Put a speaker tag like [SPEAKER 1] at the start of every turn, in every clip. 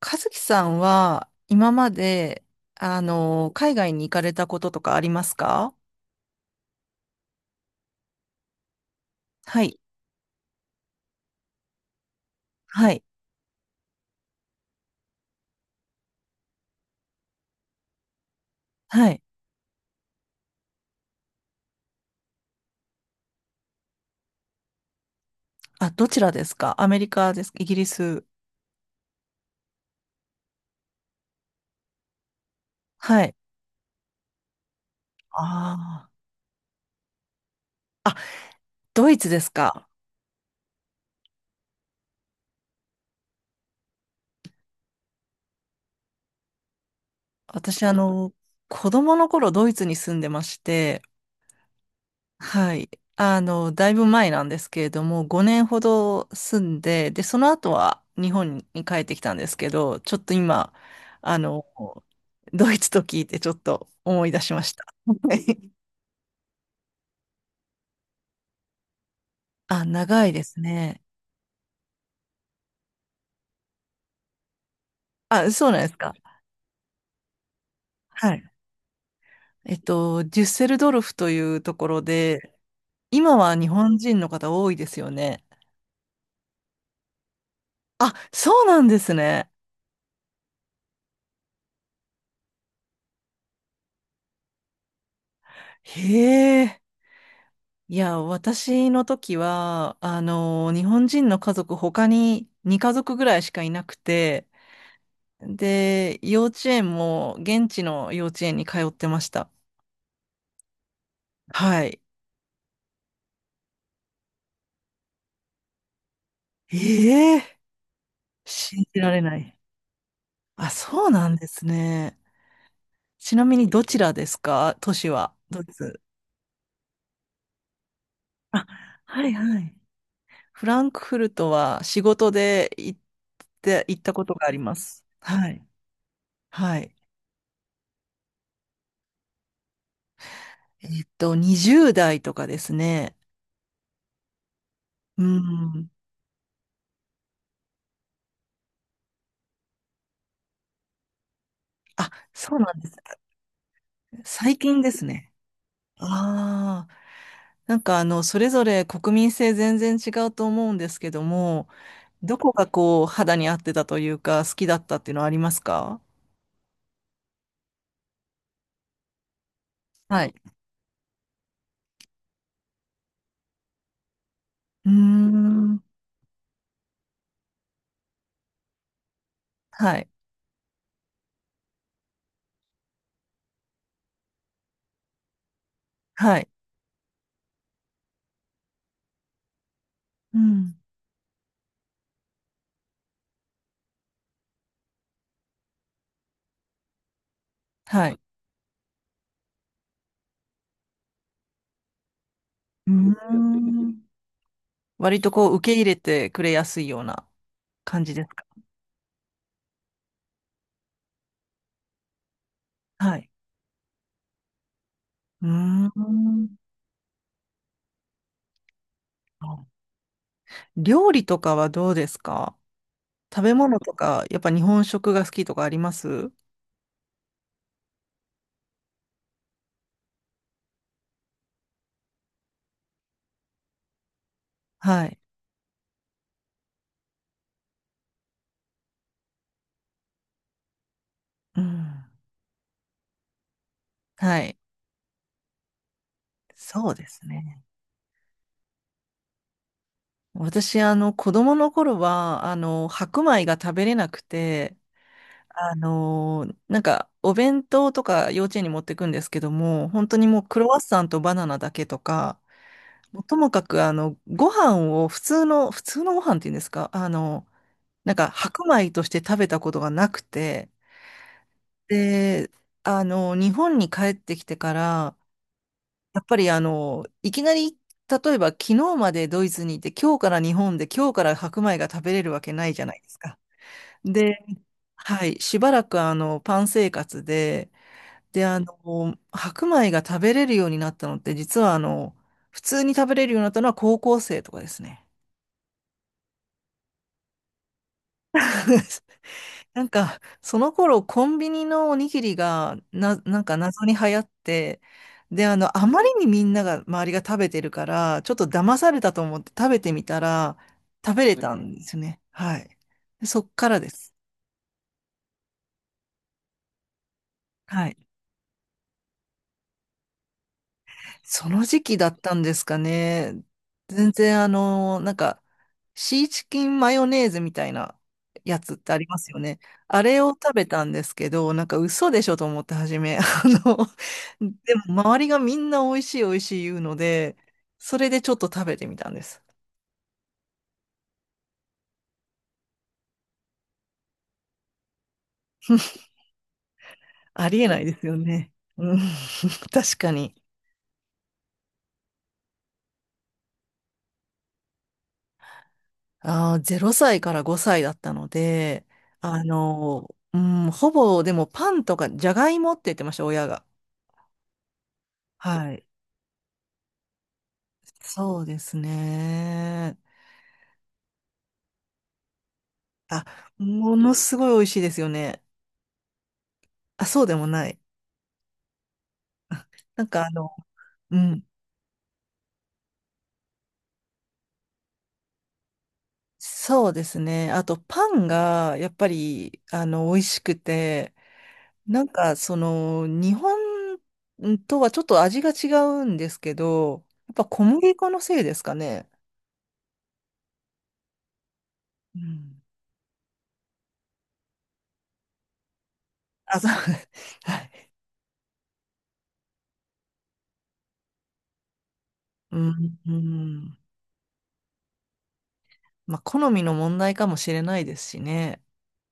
[SPEAKER 1] 和樹さんは今まで、海外に行かれたこととかありますか？はい。はい。はい。あ、どちらですか？アメリカですか？イギリス？はい。ああ。あ、ドイツですか？私、子供の頃ドイツに住んでまして、はい。あの、だいぶ前なんですけれども、5年ほど住んで、で、その後は日本に帰ってきたんですけど、ちょっと今、あの、ドイツと聞いてちょっと思い出しました。はい。あ、長いですね。あ、そうなんですか。はい。えっと、デュッセルドルフというところで、今は日本人の方多いですよね。あ、そうなんですね。へえ。いや、私の時は、あの、日本人の家族他に2家族ぐらいしかいなくて、で、幼稚園も現地の幼稚園に通ってました。はい。ええ、信じられない。あ、そうなんですね。ちなみにどちらですか？都市は。ドイツ。あ、はいはい。フランクフルトは仕事で行ったことがあります。はい。はい。えっと、20代とかですね。うん。あ、そうなんですね。最近ですね。ああ、あの、それぞれ国民性全然違うと思うんですけども、どこがこう、肌に合ってたというか、好きだったっていうのはありますか？はい。うーん。はい。はい。うん。はい。うーん。割とこう、受け入れてくれやすいような感じですか？はい。うーん。料理とかはどうですか？食べ物とか、やっぱ日本食が好きとかあります？はい。うん。はい。そうですね。私、子供の頃は、白米が食べれなくて、あの、なんか、お弁当とか幼稚園に持ってくんですけども、本当にもうクロワッサンとバナナだけとか、もうともかく、ご飯を普通のご飯っていうんですか、あの、なんか、白米として食べたことがなくて、で、日本に帰ってきてから、やっぱりあの、いきなり、例えば昨日までドイツにいて、今日から日本で、今日から白米が食べれるわけないじゃないですか。で、はい、しばらくあの、パン生活で、で、白米が食べれるようになったのって、実はあの、普通に食べれるようになったのは高校生とかですね。なんか、その頃、コンビニのおにぎりが、なんか謎に流行って、で、あの、あまりにみんなが、周りが食べてるから、ちょっと騙されたと思って食べてみたら、食べれたんですよね。はい。でそっからです。はい。その時期だったんですかね。全然あの、なんか、シーチキンマヨネーズみたいなやつってありますよね。あれを食べたんですけど、なんか嘘でしょと思って初め。あの、でも周りがみんな美味しい美味しい言うので、それでちょっと食べてみたんです。ありえないですよね。うん、確かに。ああ、0歳から5歳だったので、あの、うん、ほぼでもパンとかじゃがいもって言ってました、親が。はい。そうですね。あ、ものすごい美味しいですよね。あ、そうでもない。なんかあの、うん。そうですね。あと、パンが、やっぱり、あの、美味しくて、なんか、その、日本とはちょっと味が違うんですけど、やっぱ小麦粉のせいですかね。うん。あ、そう。はい。うん。うん。まあ、好みの問題かもしれないですしね。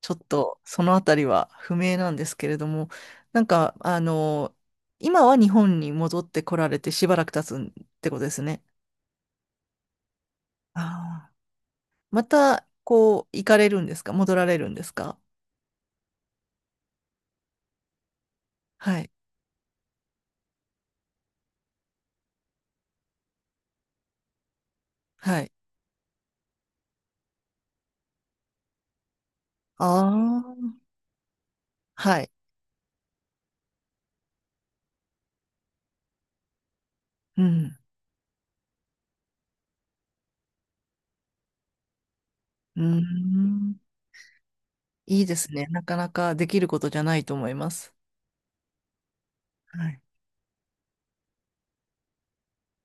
[SPEAKER 1] ちょっと、そのあたりは不明なんですけれども、なんか、あの、今は日本に戻ってこられてしばらく経つってことですね。ああ。また、こう、行かれるんですか？戻られるんですか？はい。はい。ああ。はい。うん。うーん。いいですね。なかなかできることじゃないと思います。はい。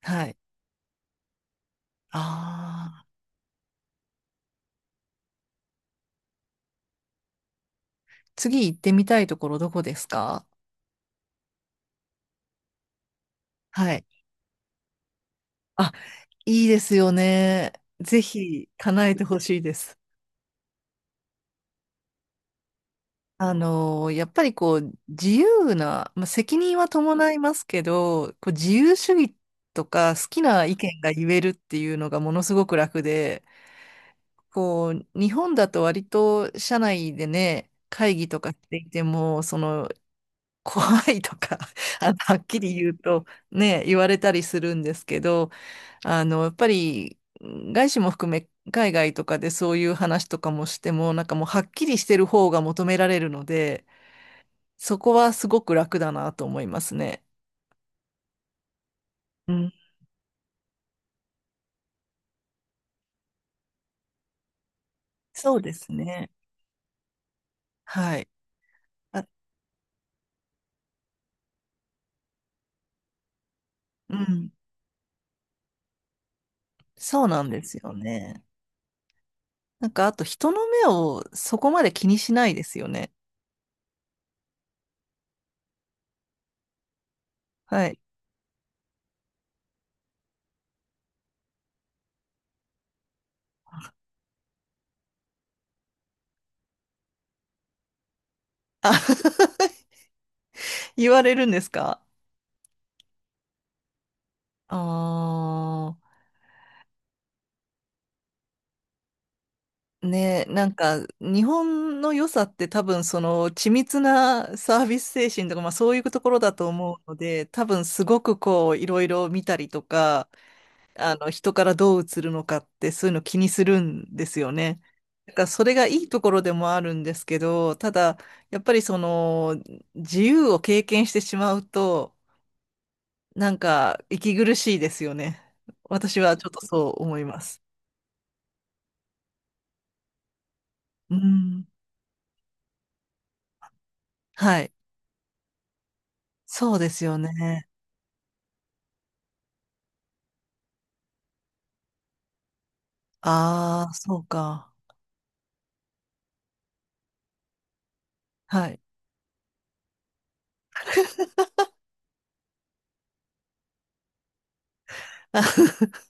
[SPEAKER 1] はい。ああ。次行ってみたいところどこですか？はい。あ、いいですよね。ぜひ叶えてほしいです。あの、やっぱりこう、自由な、まあ、責任は伴いますけど、こう自由主義とか好きな意見が言えるっていうのがものすごく楽で、こう、日本だと割と社内でね、会議とかしていても、その、怖いとか、あの、はっきり言うとね、言われたりするんですけど、あの、やっぱり、外資も含め、海外とかでそういう話とかもしても、なんかもうはっきりしてる方が求められるので、そこはすごく楽だなと思いますね。うん、そうですね。はい。あ、うん、そうなんですよね。なんか、あと人の目をそこまで気にしないですよね。はい。言われるんですか？ああー。ね、なんか日本の良さって多分その緻密なサービス精神とか、まあ、そういうところだと思うので多分すごくこういろいろ見たりとか、あの人からどう映るのかってそういうの気にするんですよね。だからそれがいいところでもあるんですけど、ただやっぱりその自由を経験してしまうとなんか息苦しいですよね。私はちょっとそう思います。うん、はい、そうですよね。ああ、そうか。はい。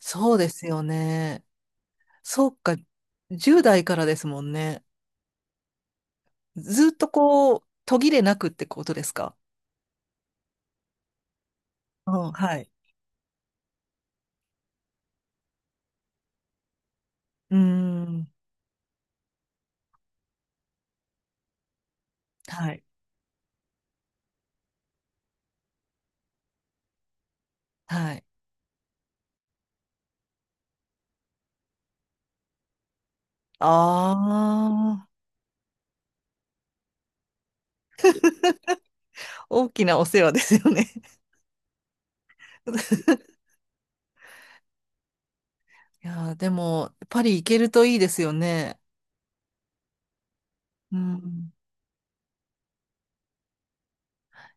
[SPEAKER 1] そうですよね。そうか。10代からですもんね。ずっとこう、途切れなくってことですか？うん、はい。うーん、はい、はい。ああ、大きなお世話ですよね。いやー、でも、パリ行けるといいですよね。うん。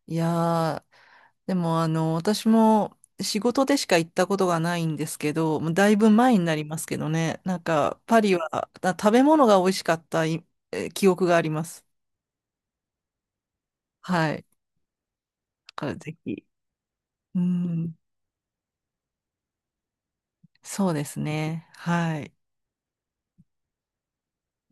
[SPEAKER 1] いやー、でも、あの、私も仕事でしか行ったことがないんですけど、もうだいぶ前になりますけどね、なんか、パリは、あ、食べ物が美味しかった、い、え、記憶があります。はい。だからぜひ。うん、そうですね。はい。